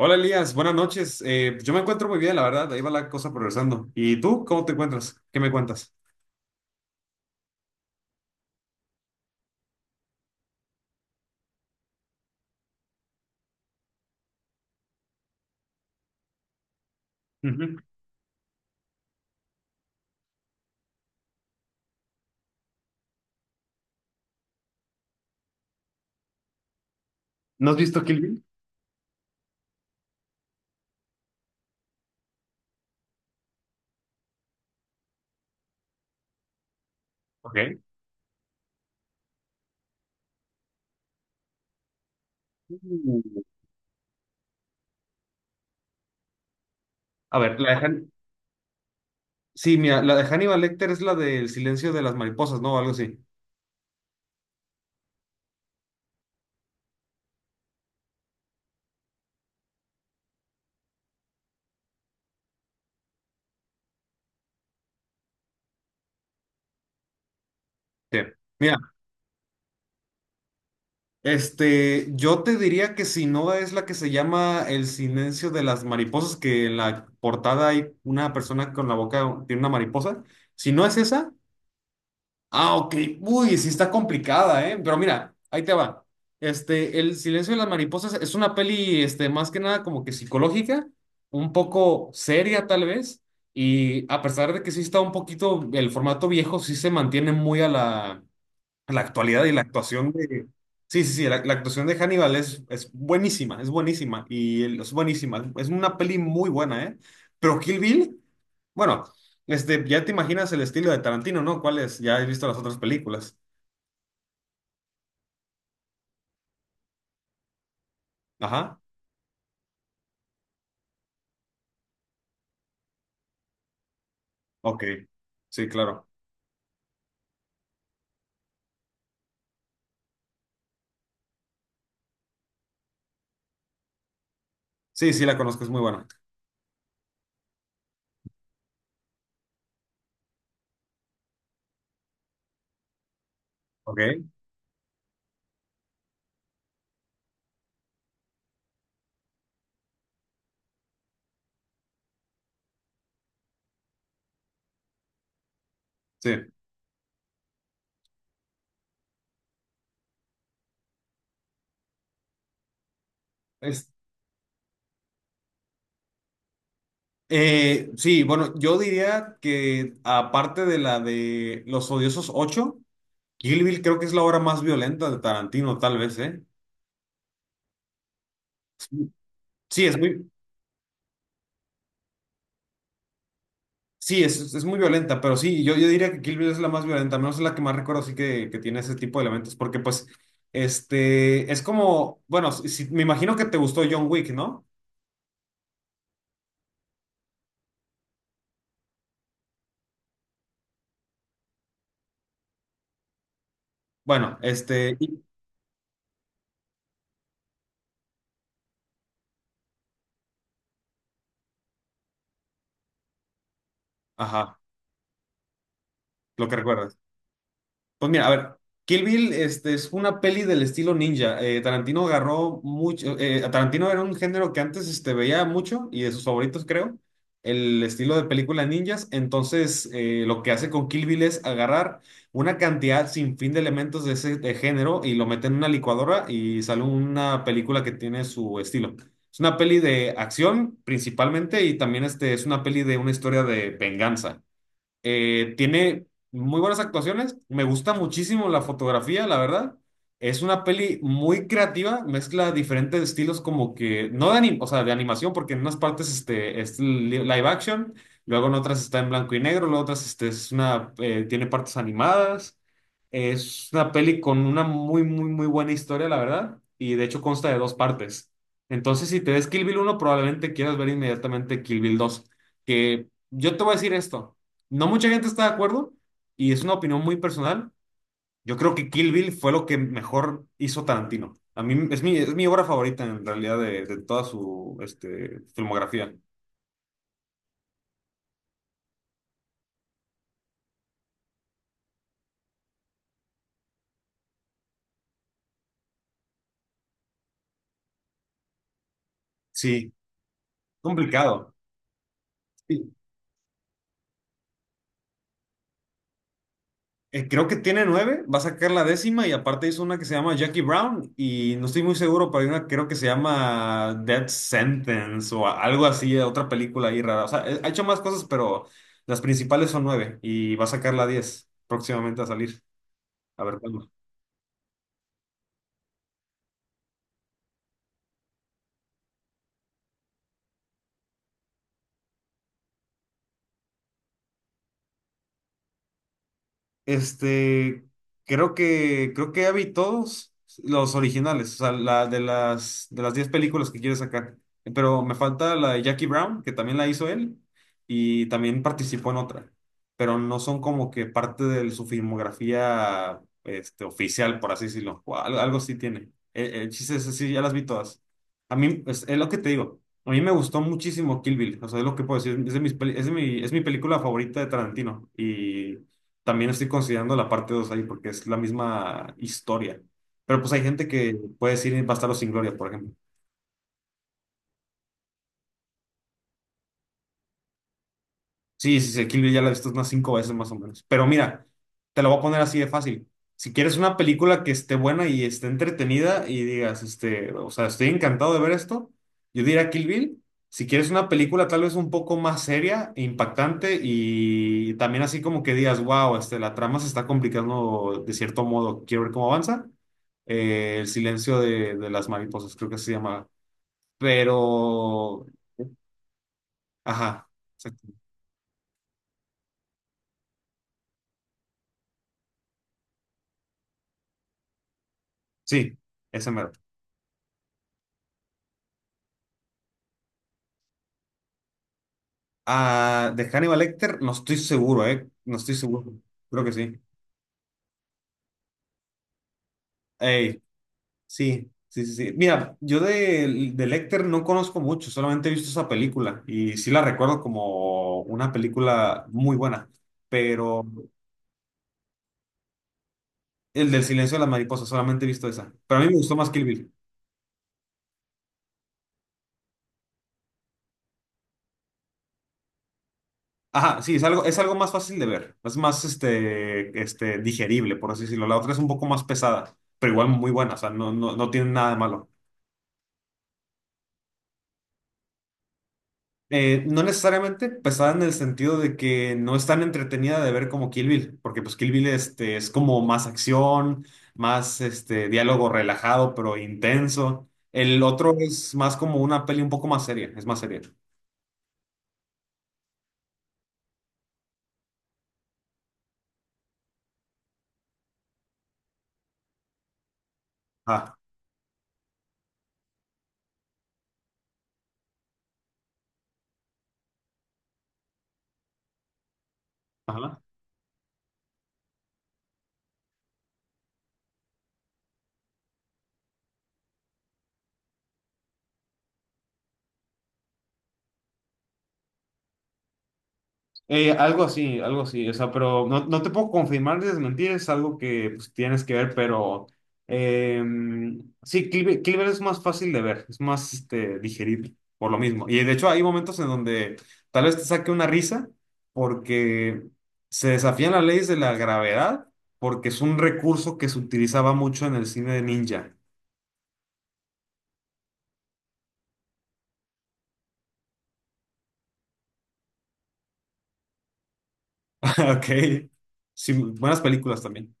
Hola Elías, buenas noches. Yo me encuentro muy bien, la verdad. Ahí va la cosa progresando. ¿Y tú cómo te encuentras? ¿Qué me cuentas? Ujú. ¿No has visto Kill Bill? Ok. Uh, A ver, la de Sí, mira, la de Hannibal Lecter es la del silencio de las mariposas, ¿no? Algo así. Sí. Mira, yo te diría que si no es la que se llama El silencio de las mariposas, que en la portada hay una persona con la boca, tiene una mariposa. Si no es esa. Ah, ok. Uy, sí está complicada, ¿eh? Pero mira, ahí te va. El silencio de las mariposas es una peli, más que nada como que psicológica, un poco seria tal vez, y a pesar de que sí está un poquito, el formato viejo sí se mantiene muy a a la actualidad y la actuación de... Sí, sí, sí, la actuación de Hannibal es buenísima, y es buenísima. Es una peli muy buena, ¿eh? Pero Kill Bill... Bueno, ya te imaginas el estilo de Tarantino, ¿no? ¿Cuál es? Ya has visto las otras películas. Ajá. Ok. Sí, claro. Sí, sí, la conozco, es muy buena. Ok. Sí. Es, sí, bueno, yo diría que aparte de la de Los Odiosos 8, Kill Bill creo que es la obra más violenta de Tarantino, tal vez, ¿eh? Sí, es muy, Sí, es muy violenta, pero sí, yo diría que Kill Bill es la más violenta, al menos es la que más recuerdo así que tiene ese tipo de elementos, porque pues, es como, bueno, me imagino que te gustó John Wick, ¿no? Bueno, ajá, lo que recuerdas. Pues mira, a ver, Kill Bill es una peli del estilo ninja. Tarantino agarró mucho. Tarantino era un género que antes veía mucho y de sus favoritos, creo. El estilo de película ninjas. Entonces, lo que hace con Kill Bill es agarrar una cantidad sin fin de elementos de ese de género y lo mete en una licuadora y sale una película que tiene su estilo. Es una peli de acción principalmente y también es una peli de una historia de venganza. Tiene muy buenas actuaciones. Me gusta muchísimo la fotografía, la verdad. Es una peli muy creativa, mezcla diferentes estilos como que, no de anim- o sea, de animación, porque en unas partes es live action, luego en otras está en blanco y negro, luego otras es una, tiene partes animadas. Es una peli con una muy, muy, muy buena historia, la verdad, y de hecho consta de dos partes. Entonces, si te ves Kill Bill 1 probablemente quieras ver inmediatamente Kill Bill 2, que yo te voy a decir esto no mucha gente está de acuerdo y es una opinión muy personal. Yo creo que Kill Bill fue lo que mejor hizo Tarantino. A mí es mi obra favorita en realidad de toda su filmografía. Sí, complicado. Sí. Creo que tiene 9, va a sacar la décima y aparte hizo una que se llama Jackie Brown y no estoy muy seguro, pero hay una que creo que se llama Death Sentence o algo así, otra película ahí rara. O sea, ha hecho más cosas, pero las principales son 9 y va a sacar la 10 próximamente a salir. A ver cuándo. Este, creo que ya vi todos los originales, o sea, la de las 10 películas que quiere sacar. Pero me falta la de Jackie Brown, que también la hizo él, y también participó en otra. Pero no son como que parte de su filmografía, oficial, por así decirlo. O algo, sí tiene. El chiste es así, ya las vi todas. A mí, es lo que te digo. A mí me gustó muchísimo Kill Bill, o sea, es lo que puedo decir, es es mi película favorita de Tarantino y también estoy considerando la parte 2 ahí porque es la misma historia. Pero pues hay gente que puede decir Bastardos sin Gloria, por ejemplo. Sí, sí, sí, Kill Bill ya la he visto unas 5 veces más o menos. Pero mira, te lo voy a poner así de fácil. Si quieres una película que esté buena y esté entretenida y digas, o sea, estoy encantado de ver esto, yo diría Kill Bill. Si quieres una película tal vez un poco más seria e impactante y también así como que digas, wow, la trama se está complicando de cierto modo, quiero ver cómo avanza. El silencio de las mariposas, creo que se llama. Pero, ajá, exacto. Sí, ese mero. Ah, de Hannibal Lecter, no estoy seguro, ¿eh? No estoy seguro. Creo que sí. Ey, sí, sí, sí, sí. Mira, yo de Lecter no conozco mucho, solamente he visto esa película y sí la recuerdo como una película muy buena, pero el del silencio de las mariposas, solamente he visto esa. Pero a mí me gustó más Kill Bill. Ajá, sí, es algo más fácil de ver, es más este, digerible, por así decirlo. La otra es un poco más pesada, pero igual muy buena, o sea, no, no, no tiene nada de malo. No necesariamente pesada en el sentido de que no es tan entretenida de ver como Kill Bill, porque pues Kill Bill es como más acción, más diálogo relajado pero intenso. El otro es más como una peli un poco más seria, es más seria. Ah, ajá. Algo así, algo así, o sea, pero no, no te puedo confirmar ni desmentir, es algo que pues, tienes que ver, pero sí, Cleaver es más fácil de ver, es más digerible, por lo mismo. Y de hecho hay momentos en donde tal vez te saque una risa porque se desafían las leyes de la gravedad, porque es un recurso que se utilizaba mucho en el cine de ninja. Ok, sí, buenas películas también.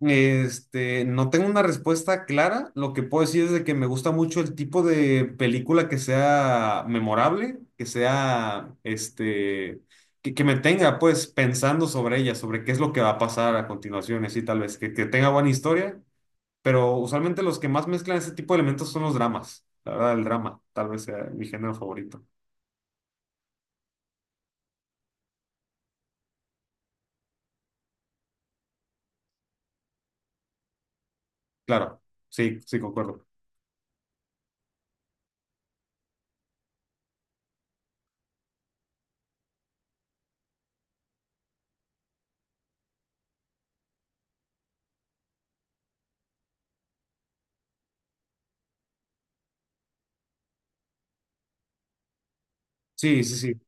No tengo una respuesta clara. Lo que puedo decir es de que me gusta mucho el tipo de película que sea memorable, que sea, que me tenga pues pensando sobre ella, sobre qué es lo que va a pasar a continuación, así tal vez, que tenga buena historia, pero usualmente los que más mezclan ese tipo de elementos son los dramas. La verdad, el drama tal vez sea mi género favorito. Claro, sí, sí, concuerdo. Sí, sí, sí.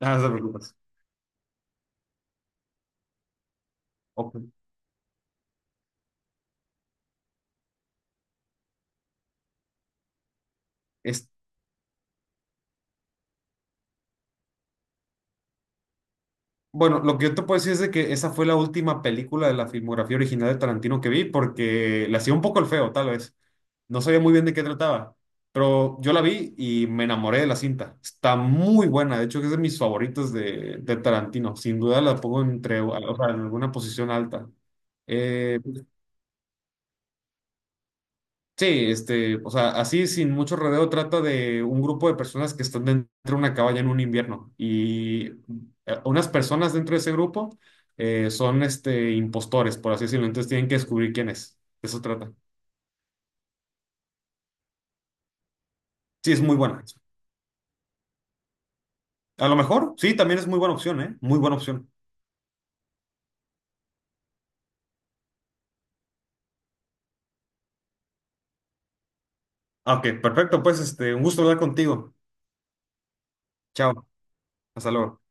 Ah, no te preocupes. Ok. Es- Bueno, lo que yo te puedo decir es de que esa fue la última película de la filmografía original de Tarantino que vi porque le hacía un poco el feo, tal vez. No sabía muy bien de qué trataba, pero yo la vi y me enamoré de la cinta. Está muy buena, de hecho es de mis favoritos de Tarantino. Sin duda la pongo entre, o sea, en alguna posición alta. Eh, Sí, o sea, así sin mucho rodeo trata de un grupo de personas que están dentro de una cabaña en un invierno y unas personas dentro de ese grupo son impostores, por así decirlo, entonces tienen que descubrir quién es. De eso trata. Sí, es muy buena. A lo mejor, sí, también es muy buena opción, ¿eh? Muy buena opción. Ah, ok, perfecto, pues un gusto hablar contigo. Chao, hasta luego.